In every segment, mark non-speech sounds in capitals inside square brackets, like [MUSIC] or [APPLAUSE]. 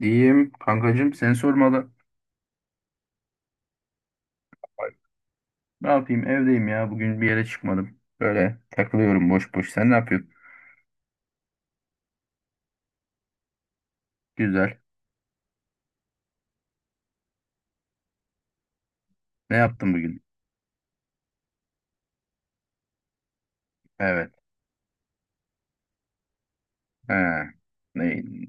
İyiyim kankacığım seni sormalı. Ne yapayım evdeyim ya, bugün bir yere çıkmadım. Böyle takılıyorum boş boş. Sen ne yapıyorsun? Güzel. Ne yaptın bugün? Evet. He. Ne?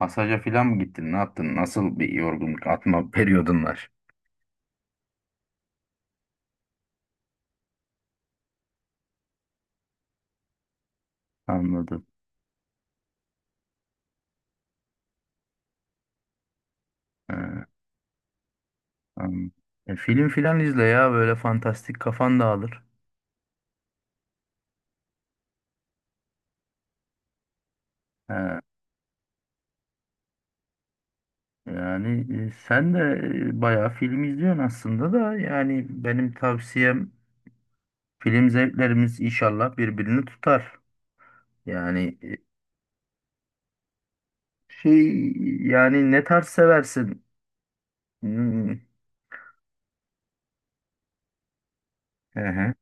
Masaja falan mı gittin? Ne yaptın? Nasıl bir yorgunluk atma [LAUGHS] periyodun var? Anladım. He, anladım. Film filan izle ya, böyle fantastik kafan dağılır. He, sen de bayağı film izliyorsun aslında da, yani benim tavsiyem, film zevklerimiz inşallah birbirini tutar. Yani şey yani ne tarz seversin? Hmm. Hı hı.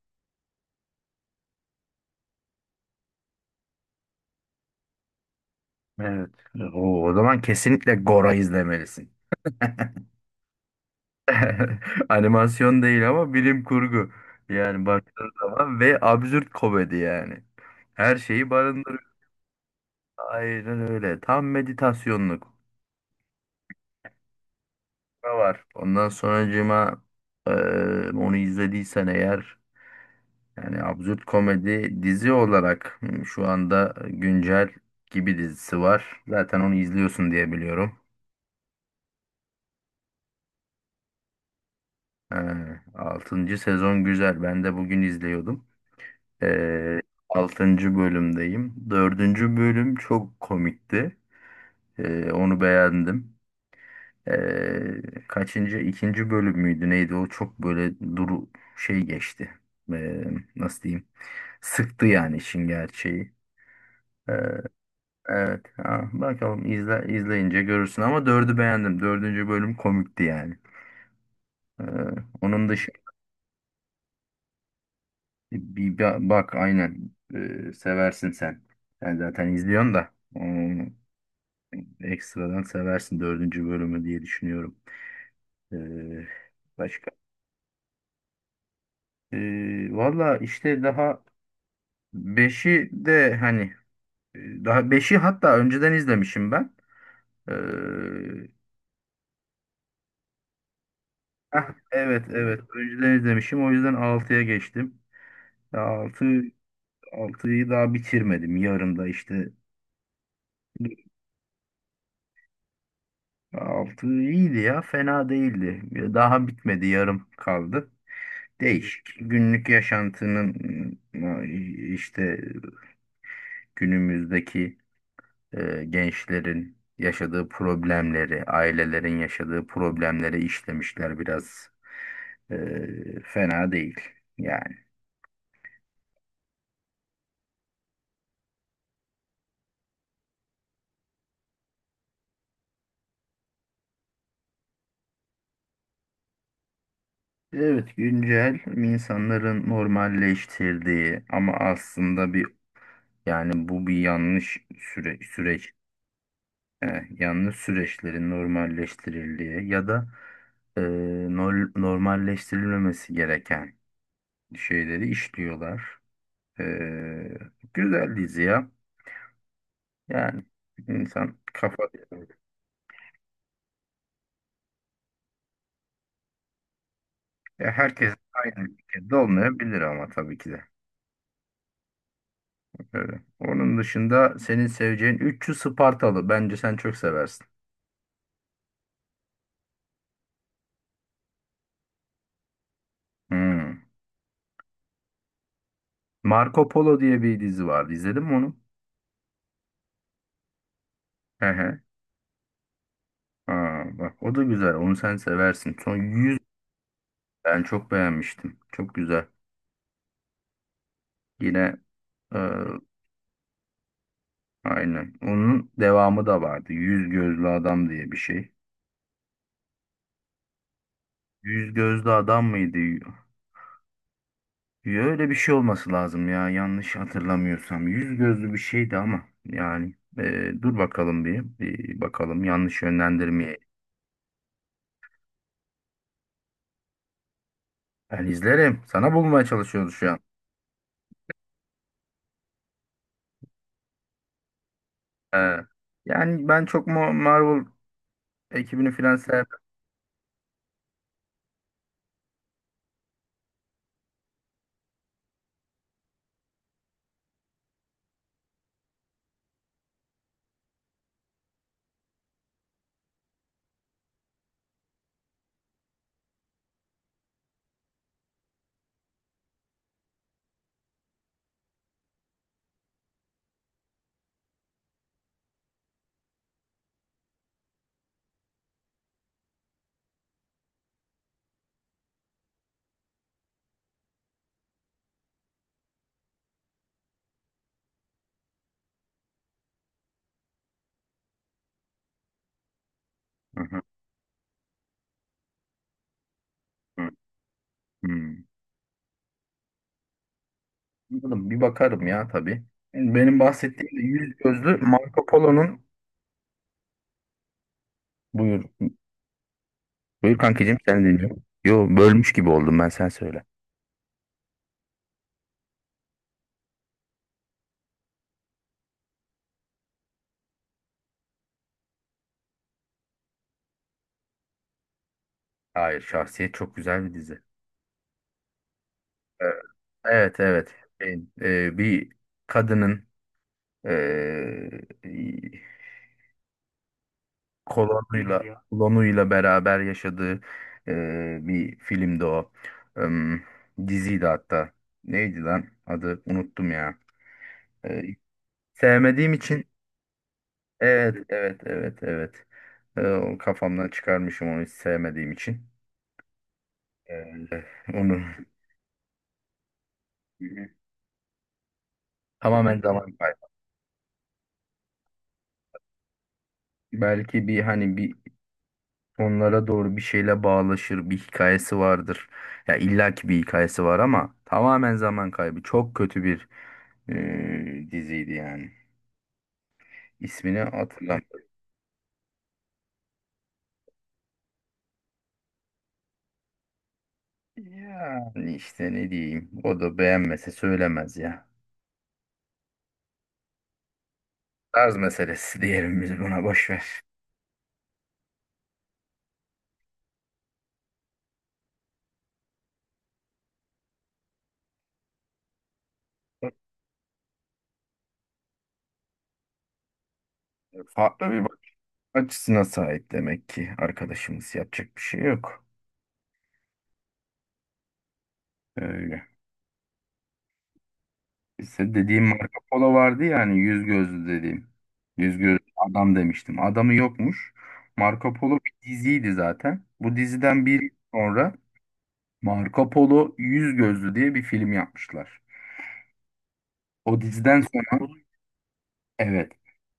Evet. O zaman kesinlikle Gora izlemelisin. [LAUGHS] Animasyon değil ama bilim kurgu. Yani baktığın zaman ve absürt komedi yani. Her şeyi barındırıyor. Aynen öyle. Tam meditasyonluk. Ne var? Ondan sonracığıma eee onu izlediysen eğer. Yani absürt komedi dizi olarak, hmm, şu anda güncel gibi dizisi var. Zaten onu izliyorsun diye biliyorum. Altıncı sezon güzel. Ben de bugün izliyordum. Ee, 6. bölümdeyim. Dördüncü bölüm çok komikti. Onu beğendim. Ee, kaçıncı? İkinci bölüm müydü neydi? O çok böyle duru geçti. Ee, nasıl diyeyim? Sıktı yani işin gerçeği. Evet. Ha, bakalım, izle, izleyince görürsün ama dördü beğendim. Dördüncü bölüm komikti yani. Ee, onun dışı bak aynen, seversin sen. Sen zaten izliyorsun da, hmm, ekstradan seversin dördüncü bölümü diye düşünüyorum. Ee, başka? Valla işte daha beşi de hani, daha beşi hatta önceden izlemişim ben. Ee, heh, evet, önceden izlemişim, o yüzden altıya geçtim. altı Altıyı daha bitirmedim. Yarım da işte. Altı iyiydi ya. Fena değildi. Daha bitmedi. Yarım kaldı. Değişik. Günlük yaşantının işte günümüzdeki gençlerin yaşadığı problemleri, ailelerin yaşadığı problemleri işlemişler biraz. E, fena değil. Yani. Evet, güncel insanların normalleştirdiği ama aslında bir yani bu bir yanlış süreç. E, yalnız süreçlerin normalleştirildiği ya da, e, normalleştirilmemesi gereken şeyleri işliyorlar. E, güzel dizi ya. Yani insan kafa. Ya herkes aynı ülkede olmayabilir ama tabii ki de. Öyle. Onun dışında senin seveceğin 300 Spartalı. Bence sen çok seversin. Hmm. Marco Polo diye bir dizi vardı. İzledin mi onu? He he. Aa, bak, o da güzel. Onu sen seversin. Son. Ben çok beğenmiştim. Çok güzel. Yine, e, aynen. Onun devamı da vardı. Yüz gözlü adam diye bir şey. Yüz gözlü adam mıydı? Öyle bir şey olması lazım ya. Yanlış hatırlamıyorsam. Yüz gözlü bir şeydi ama dur bakalım, bir bakalım, yanlış yönlendirmeye. Ben izlerim. Sana bulmaya çalışıyoruz şu an. E, yani ben çok Marvel ekibini filan sevmem. Hı hı, hı, hı. Anladım. Bir bakarım ya tabii. Benim bahsettiğim de yüz gözlü Marco Polo'nun. Buyur. Buyur kankicim, sen dinliyorum. Yo, bölmüş gibi oldum, ben sen söyle. Hayır, Şahsiyet çok güzel bir dizi. Ee, Evet, evet. Şey, bir kadının, e, kolonuyla beraber yaşadığı bir filmdi o. Em, diziydi hatta. Neydi lan? Adı unuttum ya. E, sevmediğim için. Evet, evet, evet, evet. O kafamdan çıkarmışım onu, hiç sevmediğim için. Ee, onu [LAUGHS] tamamen zaman kaybı. Belki bir hani bir onlara doğru bir şeyle bağlaşır bir hikayesi vardır. Ya illaki bir hikayesi var ama tamamen zaman kaybı. Çok kötü bir diziydi yani. İsmini hatırlamıyorum. Yani işte ne diyeyim. O da beğenmese söylemez ya. Tarz meselesi [LAUGHS] diyelim biz buna, boş ver. Farklı bir açısına sahip demek ki arkadaşımız, yapacak bir şey yok. Öyle. İşte dediğim Marco Polo vardı ya, hani yüz gözlü dediğim. Yüz gözlü adam demiştim. Adamı yokmuş. Marco Polo bir diziydi zaten. Bu diziden bir sonra Marco Polo Yüz Gözlü diye bir film yapmışlar. O diziden sonra, evet,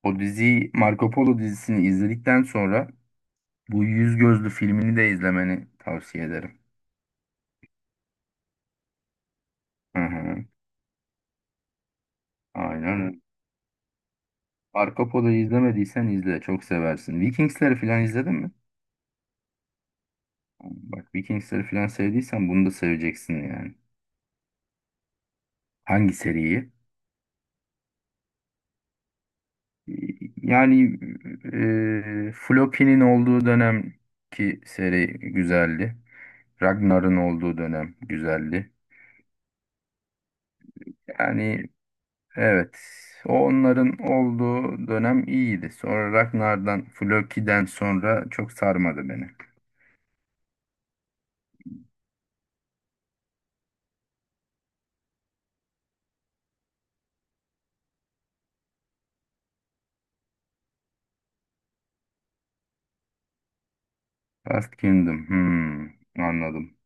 o diziyi, Marco Polo dizisini izledikten sonra bu Yüz Gözlü filmini de izlemeni tavsiye ederim. Hı hı, aynen. Arka Polo'yu izlemediysen izle. Çok seversin. Vikingsleri falan izledin mi? Bak, Vikingsleri falan sevdiysen bunu da seveceksin yani. Hangi seriyi? Yani Floki'nin olduğu dönem ki seri güzeldi. Ragnar'ın olduğu dönem güzeldi. Yani evet, onların olduğu dönem iyiydi. Sonra Ragnar'dan, Floki'den sonra çok sarmadı beni. Last Kingdom. Hmm, anladım.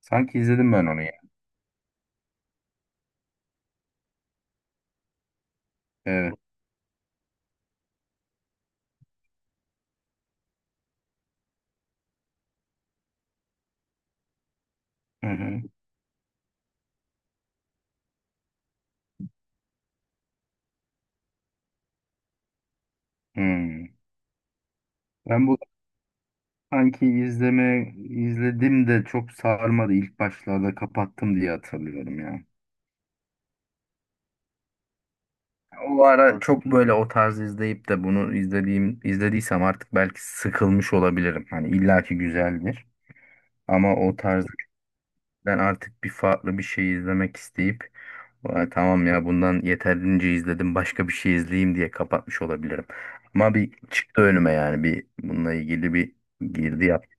Sanki izledim ben onu ya. Evet. Hı hı. Hmm. Ben bu sanki izledim de çok sarmadı. İlk başlarda kapattım diye hatırlıyorum ya. O ara çok böyle o tarz izleyip de bunu izlediysem artık, belki sıkılmış olabilirim. Hani illaki güzeldir. Ama o tarz ben artık bir farklı bir şey izlemek isteyip, "Vay, tamam ya, bundan yeterince izledim, başka bir şey izleyeyim" diye kapatmış olabilirim. Ama bir çıktı önüme, yani bir bununla ilgili bir girdi yaptım.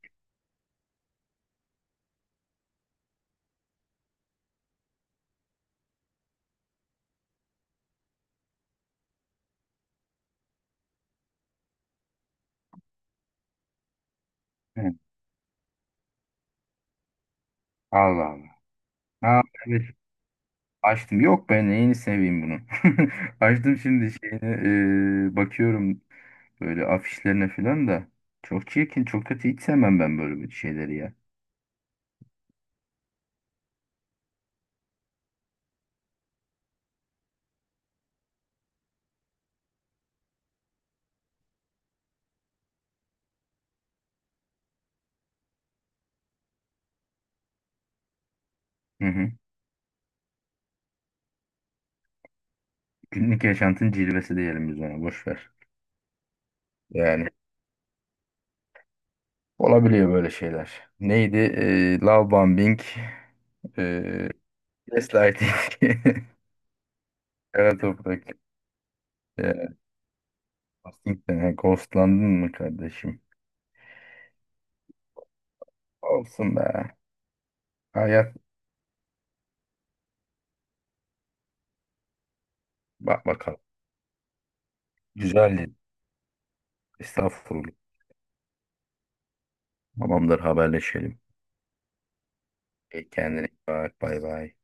Hı. Allah Allah. Ha, evet. Açtım. Yok, ben neyini seveyim bunu. [LAUGHS] Açtım şimdi şeyini, bakıyorum böyle afişlerine falan da. Çok çirkin, çok kötü. Hiç sevmem ben böyle bir şeyleri ya. Hı hı. Günlük yaşantın cilvesi diyelim biz ona. Boş ver. Yani olabiliyor böyle şeyler. Neydi? E, love bombing, e, gaslighting, [LAUGHS] kara toprak, e, ghosting'den. Ha, Ghostlandın mı kardeşim? Olsun be. Hayat, bak bakalım. Güzeldi. Estağfurullah. Tamamdır, haberleşelim. E, kendine iyi bak, bay bay.